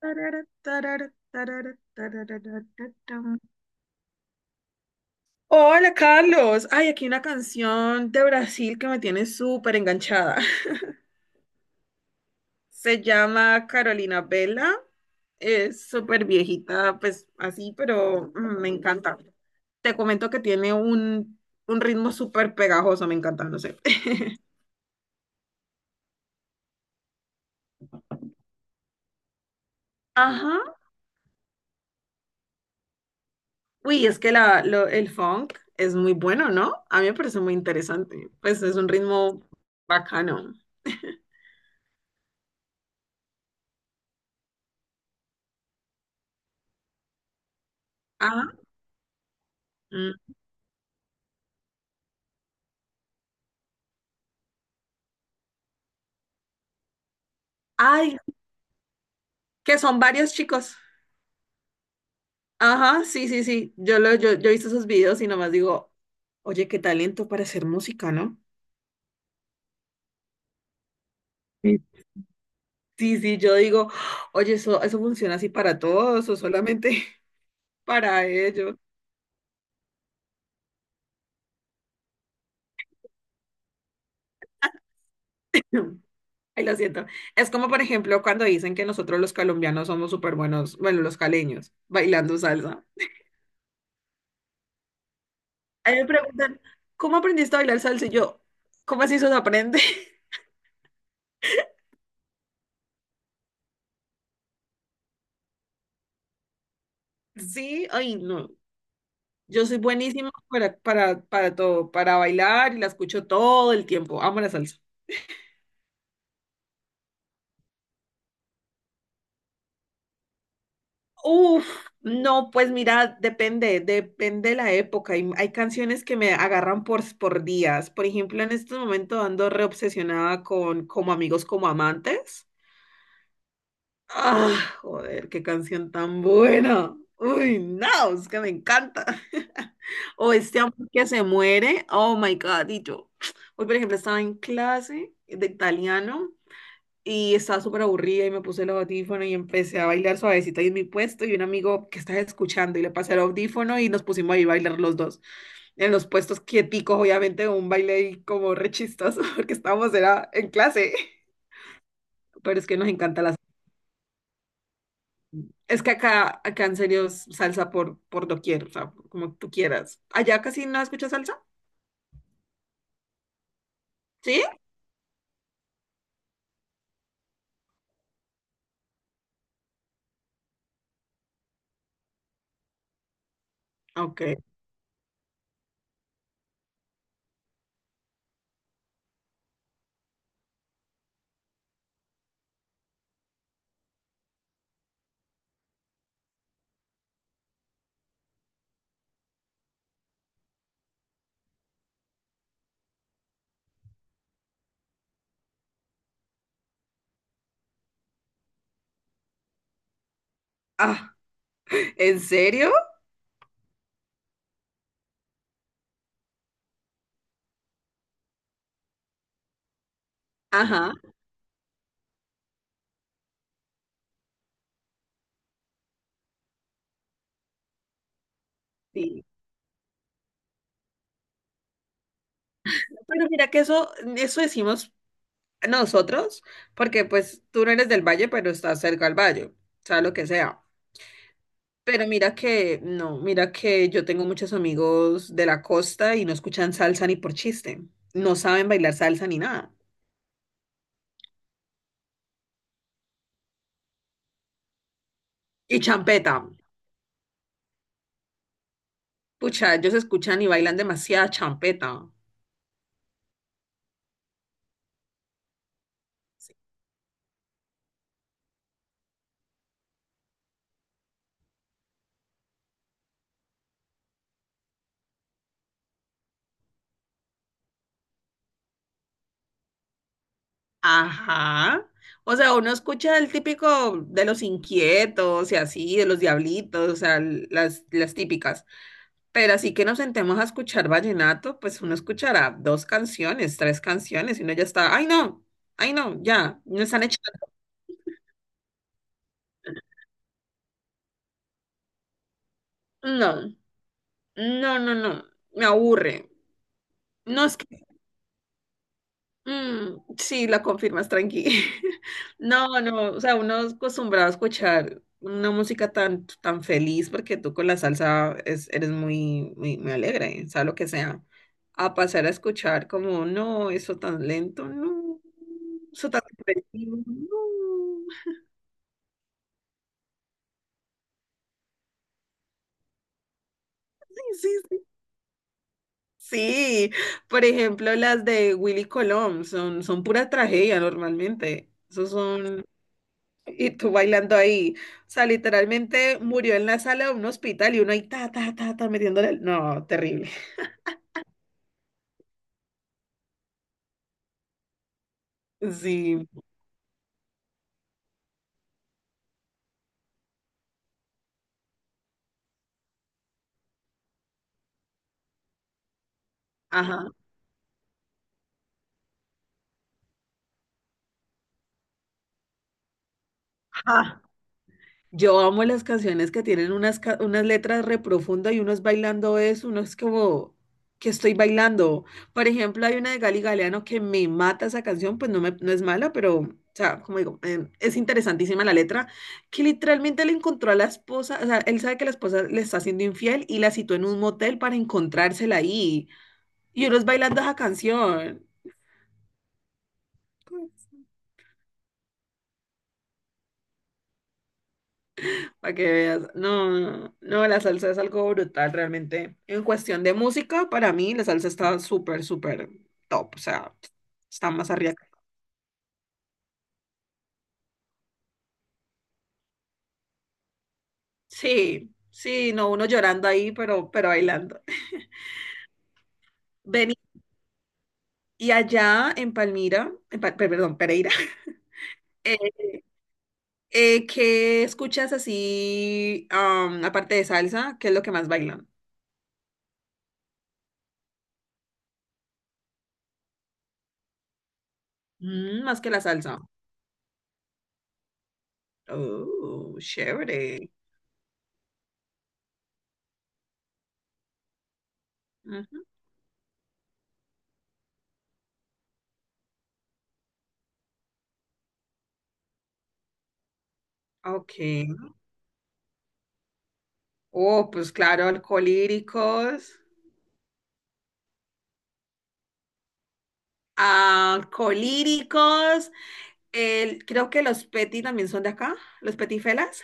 Tarara, tarara, tarara, tarara, tarara. Hola Carlos, ay, aquí una canción de Brasil que me tiene súper enganchada. Se llama Carolina Vela, es súper viejita, pues así, pero me encanta. Te comento que tiene un ritmo súper pegajoso, me encanta, no sé. Ajá. Uy, es que el funk es muy bueno, ¿no? A mí me parece muy interesante, pues es un ritmo bacano. Mm. Ay, que son varios chicos. Ajá, sí, sí, sí. Yo he visto esos videos y nomás digo, oye, qué talento para hacer música, ¿no? Sí. Sí, sí, yo digo, oye, eso funciona así para todos o solamente para ellos. Ay, lo siento. Es como, por ejemplo, cuando dicen que nosotros los colombianos somos súper buenos, bueno, los caleños, bailando salsa. A mí me preguntan, ¿cómo aprendiste a bailar salsa? Y yo, ¿cómo así se aprende? Sí, ay, no. Yo soy buenísima para todo, para bailar y la escucho todo el tiempo. Amo la salsa. Uf, no, pues mira, depende de la época. Hay canciones que me agarran por días. Por ejemplo, en este momento ando reobsesionada con Como amigos, como amantes. Ah, joder, qué canción tan buena. Uy, no, es que me encanta. O este amor que se muere. Oh my God, y yo. Hoy, por ejemplo, estaba en clase de italiano y estaba súper aburrida y me puse el audífono y empecé a bailar suavecita en mi puesto y un amigo que estaba escuchando y le pasé el audífono y nos pusimos ahí a bailar los dos en los puestos quieticos, obviamente un baile ahí como re chistoso porque estábamos era en clase, pero es que nos encanta la es que acá en serio es salsa por doquier, o sea, como tú quieras. ¿Allá casi no escuchas salsa? ¿Sí? Ok. Ah, ¿en serio? Ajá. Sí. Pero mira que eso decimos nosotros, porque pues tú no eres del valle, pero estás cerca al valle, o sea, lo que sea. Pero mira que, no, mira que yo tengo muchos amigos de la costa y no escuchan salsa ni por chiste, no saben bailar salsa ni nada. Y champeta, pucha, ellos escuchan y bailan demasiada champeta. Ajá. O sea, uno escucha el típico de los inquietos y así, de los diablitos, o sea, las típicas. Pero así que nos sentemos a escuchar vallenato, pues uno escuchará dos canciones, tres canciones, y uno ya está, ay no, ya, me están echando. No, no, no, no, me aburre. No es que sí, la confirmas, tranqui. No, no, o sea, uno es acostumbrado a escuchar una música tan feliz porque tú con la salsa es, eres muy, muy, muy alegre, sea lo que sea. A pasar a escuchar como, no, eso tan lento, no, eso tan depresivo, no. Ay, sí, sí. Sí, por ejemplo, las de Willy Colón son pura tragedia normalmente. Esos son. Y tú bailando ahí. O sea, literalmente murió en la sala de un hospital y uno ahí ta, ta, ta, ta, metiéndole. No, terrible. Sí. Ajá. Ajá. Yo amo las canciones que tienen unas letras re profundas y uno es bailando eso, uno es como que estoy bailando. Por ejemplo, hay una de Gali Galeano que me mata esa canción, pues no, no es mala, pero, o sea, como digo, es interesantísima la letra, que literalmente le encontró a la esposa, o sea, él sabe que la esposa le está haciendo infiel y la citó en un motel para encontrársela ahí. Y uno es bailando esa canción. Para que veas, no, no, no, la salsa es algo brutal realmente. En cuestión de música, para mí la salsa está súper, súper top, o sea, está más arriba. Sí, sí, no, uno llorando ahí, pero bailando. Vení, y allá en Palmira, en perdón, Pereira, eh, ¿qué escuchas así, aparte de salsa? ¿Qué es lo que más bailan? Mm, más que la salsa. Oh, chévere. Ujú, ok. Oh, pues claro, alcohólicos. Alcohólicos. Creo que los Petit también son de acá, los Petifelas.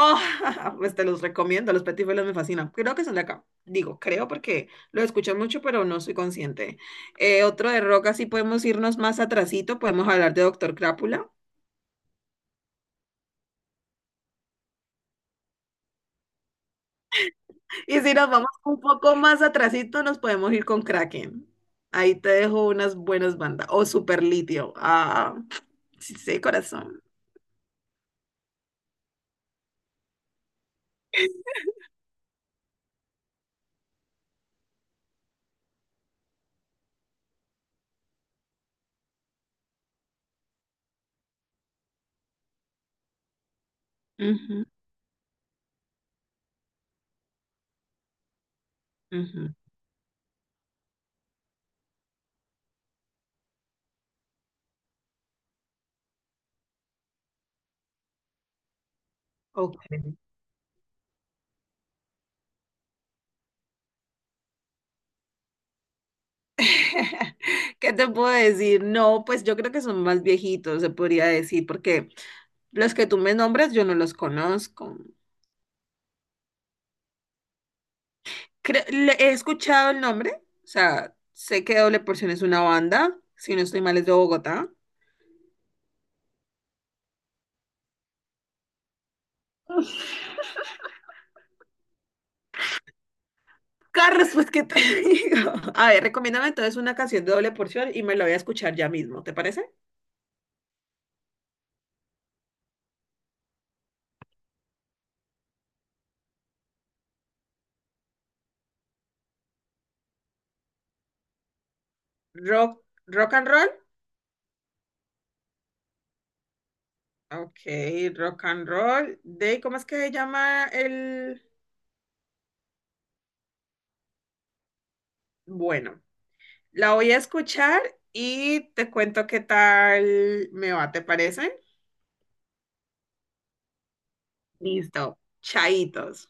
Oh, pues te los recomiendo, los Petifelas me fascinan. Creo que son de acá. Digo, creo porque lo escucho mucho, pero no soy consciente. Otro de rock, así podemos irnos más atrasito, podemos hablar de Doctor Crápula. Y si nos vamos un poco más atrasito, nos podemos ir con Kraken. Ahí te dejo unas buenas bandas. O Super Litio. Ah, sí, sí, corazón. Ujú. Ujú, ok. ¿Qué te puedo decir? No, pues yo creo que son más viejitos, se podría decir, porque los que tú me nombras yo no los conozco. He escuchado el nombre, o sea, sé que Doble Porción es una banda, si no estoy mal es de Bogotá. Carlos, pues, ¿qué te digo? A ver, recomiéndame entonces una canción de Doble Porción y me la voy a escuchar ya mismo, ¿te parece? Rock, rock and roll. Ok, rock and roll. De, ¿cómo es que se llama el...? Bueno. La voy a escuchar y te cuento qué tal me va, ¿te parece? Listo, chaitos.